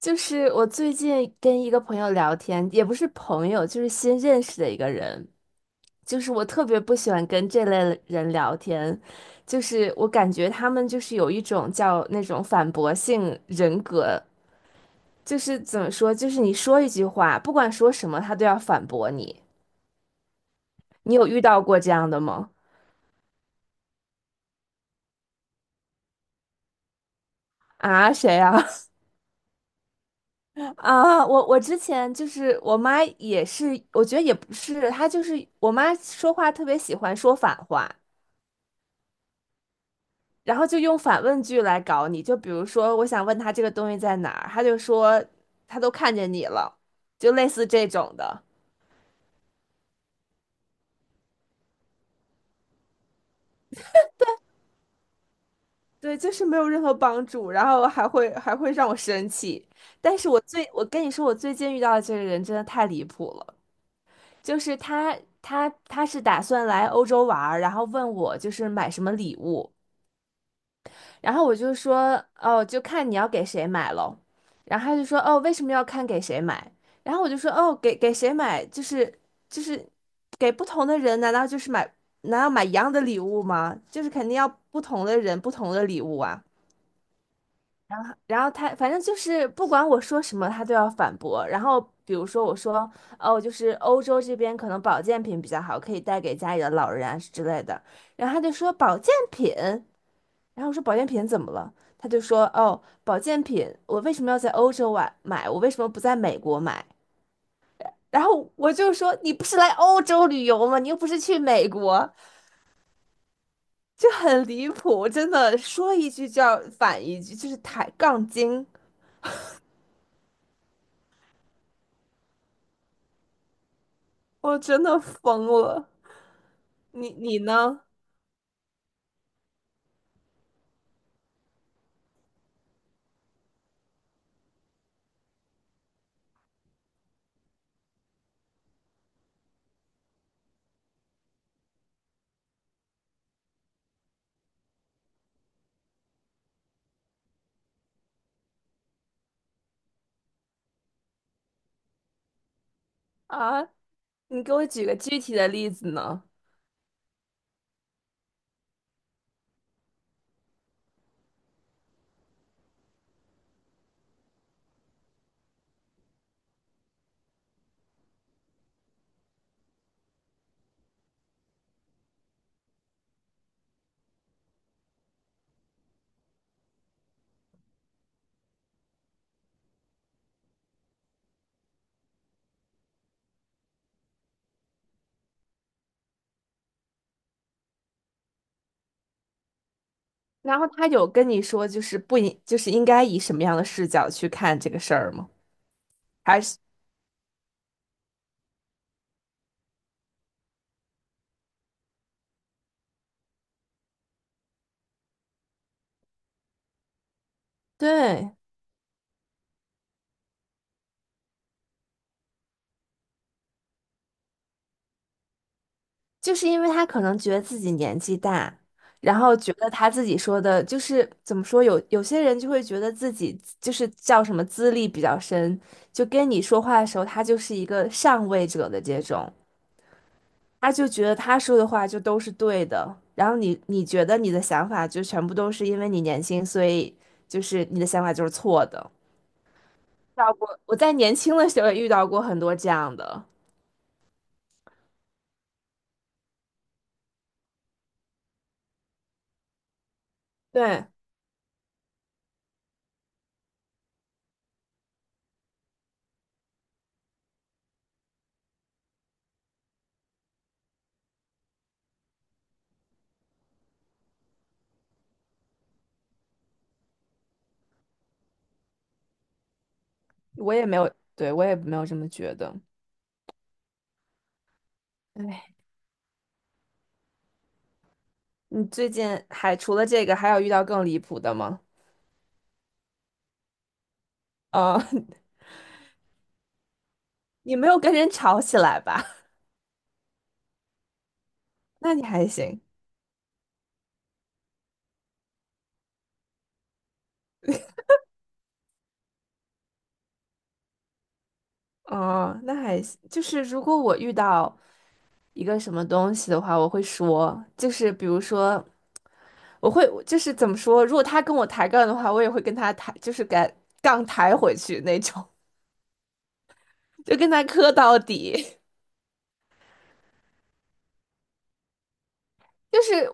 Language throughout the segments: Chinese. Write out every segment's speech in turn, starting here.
就是我最近跟一个朋友聊天，也不是朋友，就是新认识的一个人。就是我特别不喜欢跟这类人聊天，就是我感觉他们就是有一种叫那种反驳性人格，就是怎么说，就是你说一句话，不管说什么，他都要反驳你。你有遇到过这样的吗？啊，谁啊？啊，我之前就是我妈也是，我觉得也不是，她就是我妈说话特别喜欢说反话。然后就用反问句来搞你，就比如说，我想问他这个东西在哪儿，他就说他都看见你了，就类似这种的。对，就是没有任何帮助，然后还会让我生气。但是我最，我跟你说，我最近遇到的这个人真的太离谱了，就是他他是打算来欧洲玩儿然后问我就是买什么礼物，然后我就说，哦，就看你要给谁买喽。然后他就说，哦，为什么要看给谁买？然后我就说，哦，给谁买，就是给不同的人，难道就是买，难道买一样的礼物吗？就是肯定要不同的人，不同的礼物啊。然后他反正就是不管我说什么，他都要反驳。然后比如说我说，哦，就是欧洲这边可能保健品比较好，可以带给家里的老人啊之类的。然后他就说保健品。然后我说保健品怎么了？他就说哦，保健品我为什么要在欧洲买？我为什么不在美国买？然后我就说你不是来欧洲旅游吗？你又不是去美国，就很离谱，真的说一句就要反一句，就是抬杠精，我真的疯了。你你呢？啊，你给我举个具体的例子呢？然后他有跟你说就是不应就是应该以什么样的视角去看这个事儿吗？还是对。就是因为他可能觉得自己年纪大，然后觉得他自己说的，就是怎么说，有些人就会觉得自己就是叫什么资历比较深，就跟你说话的时候，他就是一个上位者的这种，他就觉得他说的话就都是对的，然后你觉得你的想法就全部都是因为你年轻，所以就是你的想法就是错的。遇到过，我在年轻的时候也遇到过很多这样的，对，我也没有，对，我也没有这么觉得。唉你最近还除了这个，还有遇到更离谱的吗？哦，你没有跟人吵起来吧？那你还行。哦，那还行。就是如果我遇到一个什么东西的话，我会说，就是比如说，我会就是怎么说，如果他跟我抬杠的话，我也会跟他抬，就是敢杠抬回去那种，就跟他磕到底。就是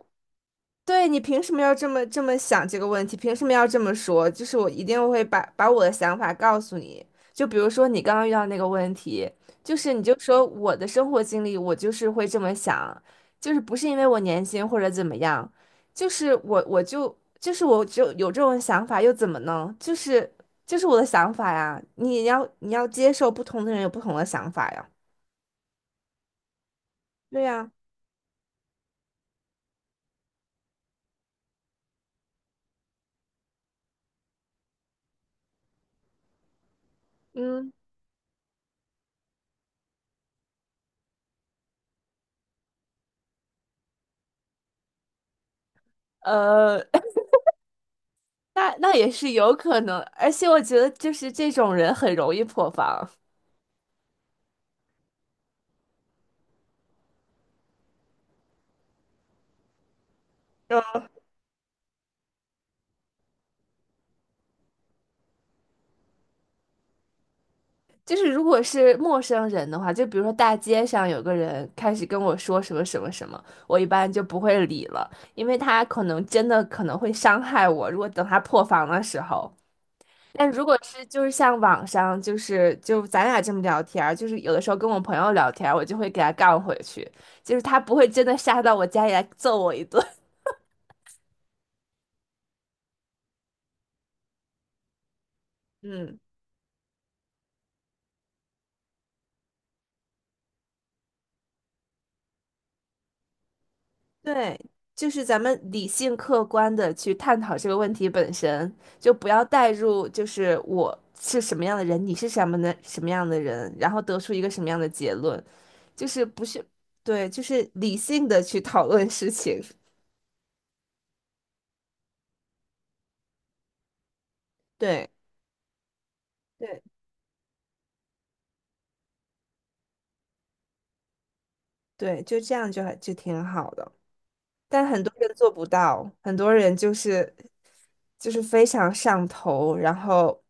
对你凭什么要这么想这个问题？凭什么要这么说？就是我一定会把我的想法告诉你。就比如说你刚刚遇到那个问题，就是你就说我的生活经历，我就是会这么想，就是不是因为我年轻或者怎么样，就是我就有这种想法又怎么呢？就是我的想法呀，你要接受不同的人有不同的想法呀。对呀，嗯。呃。那那也是有可能，而且我觉得就是这种人很容易破防。嗯就是如果是陌生人的话，就比如说大街上有个人开始跟我说什么什么什么，我一般就不会理了，因为他可能真的可能会伤害我。如果等他破防的时候，但如果是就是像网上就是就咱俩这么聊天儿，就是有的时候跟我朋友聊天儿，我就会给他杠回去，就是他不会真的杀到我家里来揍我一顿。嗯。对，就是咱们理性客观的去探讨这个问题本身，就不要带入，就是我是什么样的人，你是什么的什么样的人，然后得出一个什么样的结论，就是不是，对，就是理性的去讨论事情，对对对，就这样就还就挺好的。但很多人做不到，很多人就是就是非常上头，然后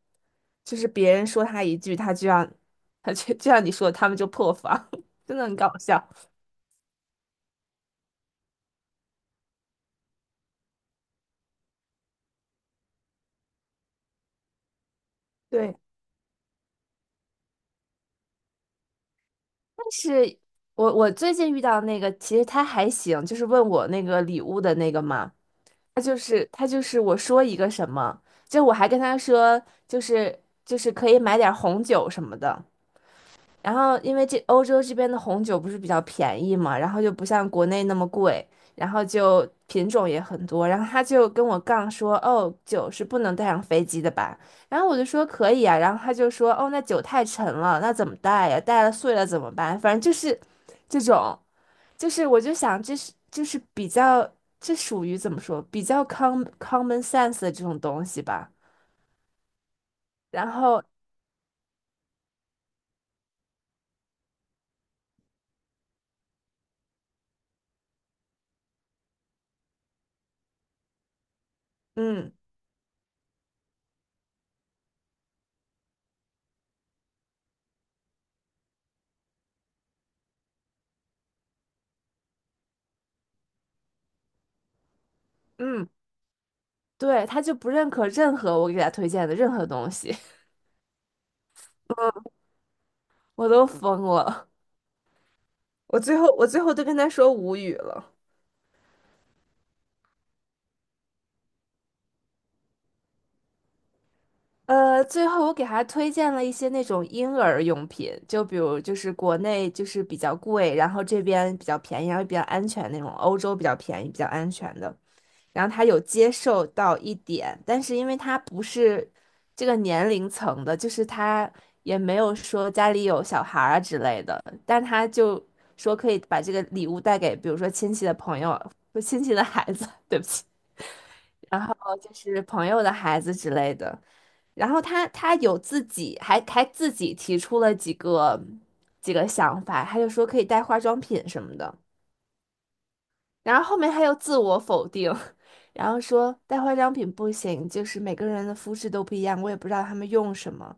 就是别人说他一句，他就让 他就就像你说的，他们就破防，真的很搞笑。对，但是我最近遇到那个，其实他还行，就是问我那个礼物的那个嘛，他就是我说一个什么，就我还跟他说，就是可以买点儿红酒什么的，然后因为这欧洲这边的红酒不是比较便宜嘛，然后就不像国内那么贵，然后就品种也很多，然后他就跟我杠说，哦，酒是不能带上飞机的吧？然后我就说可以啊，然后他就说，哦，那酒太沉了，那怎么带呀？带了碎了怎么办？反正就是这种，就是我就想这是就是比较这属于怎么说，比较 common sense 的这种东西吧。然后嗯嗯。对，他就不认可任何我给他推荐的任何东西，我都疯了。我最后都跟他说无语了。呃，最后我给他推荐了一些那种婴儿用品，就比如就是国内就是比较贵，然后这边比较便宜，然后比较安全那种，欧洲比较便宜、比较安全的。然后他有接受到一点，但是因为他不是这个年龄层的，就是他也没有说家里有小孩儿啊之类的，但他就说可以把这个礼物带给，比如说亲戚的朋友、不亲戚的孩子，对不起，然后就是朋友的孩子之类的。然后他有自己还自己提出了几个想法，他就说可以带化妆品什么的。然后后面他又自我否定，然后说带化妆品不行，就是每个人的肤质都不一样，我也不知道他们用什么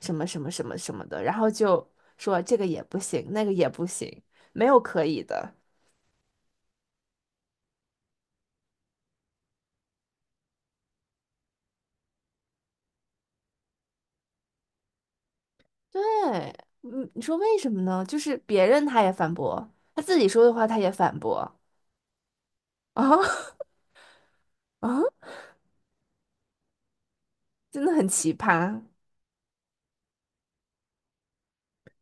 什么什么什么什么的，然后就说这个也不行，那个也不行，没有可以的。对，嗯，你说为什么呢？就是别人他也反驳，他自己说的话他也反驳啊 啊，真的很奇葩。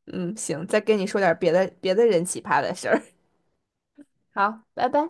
嗯，行，再跟你说点别的人奇葩的事儿。好，拜拜。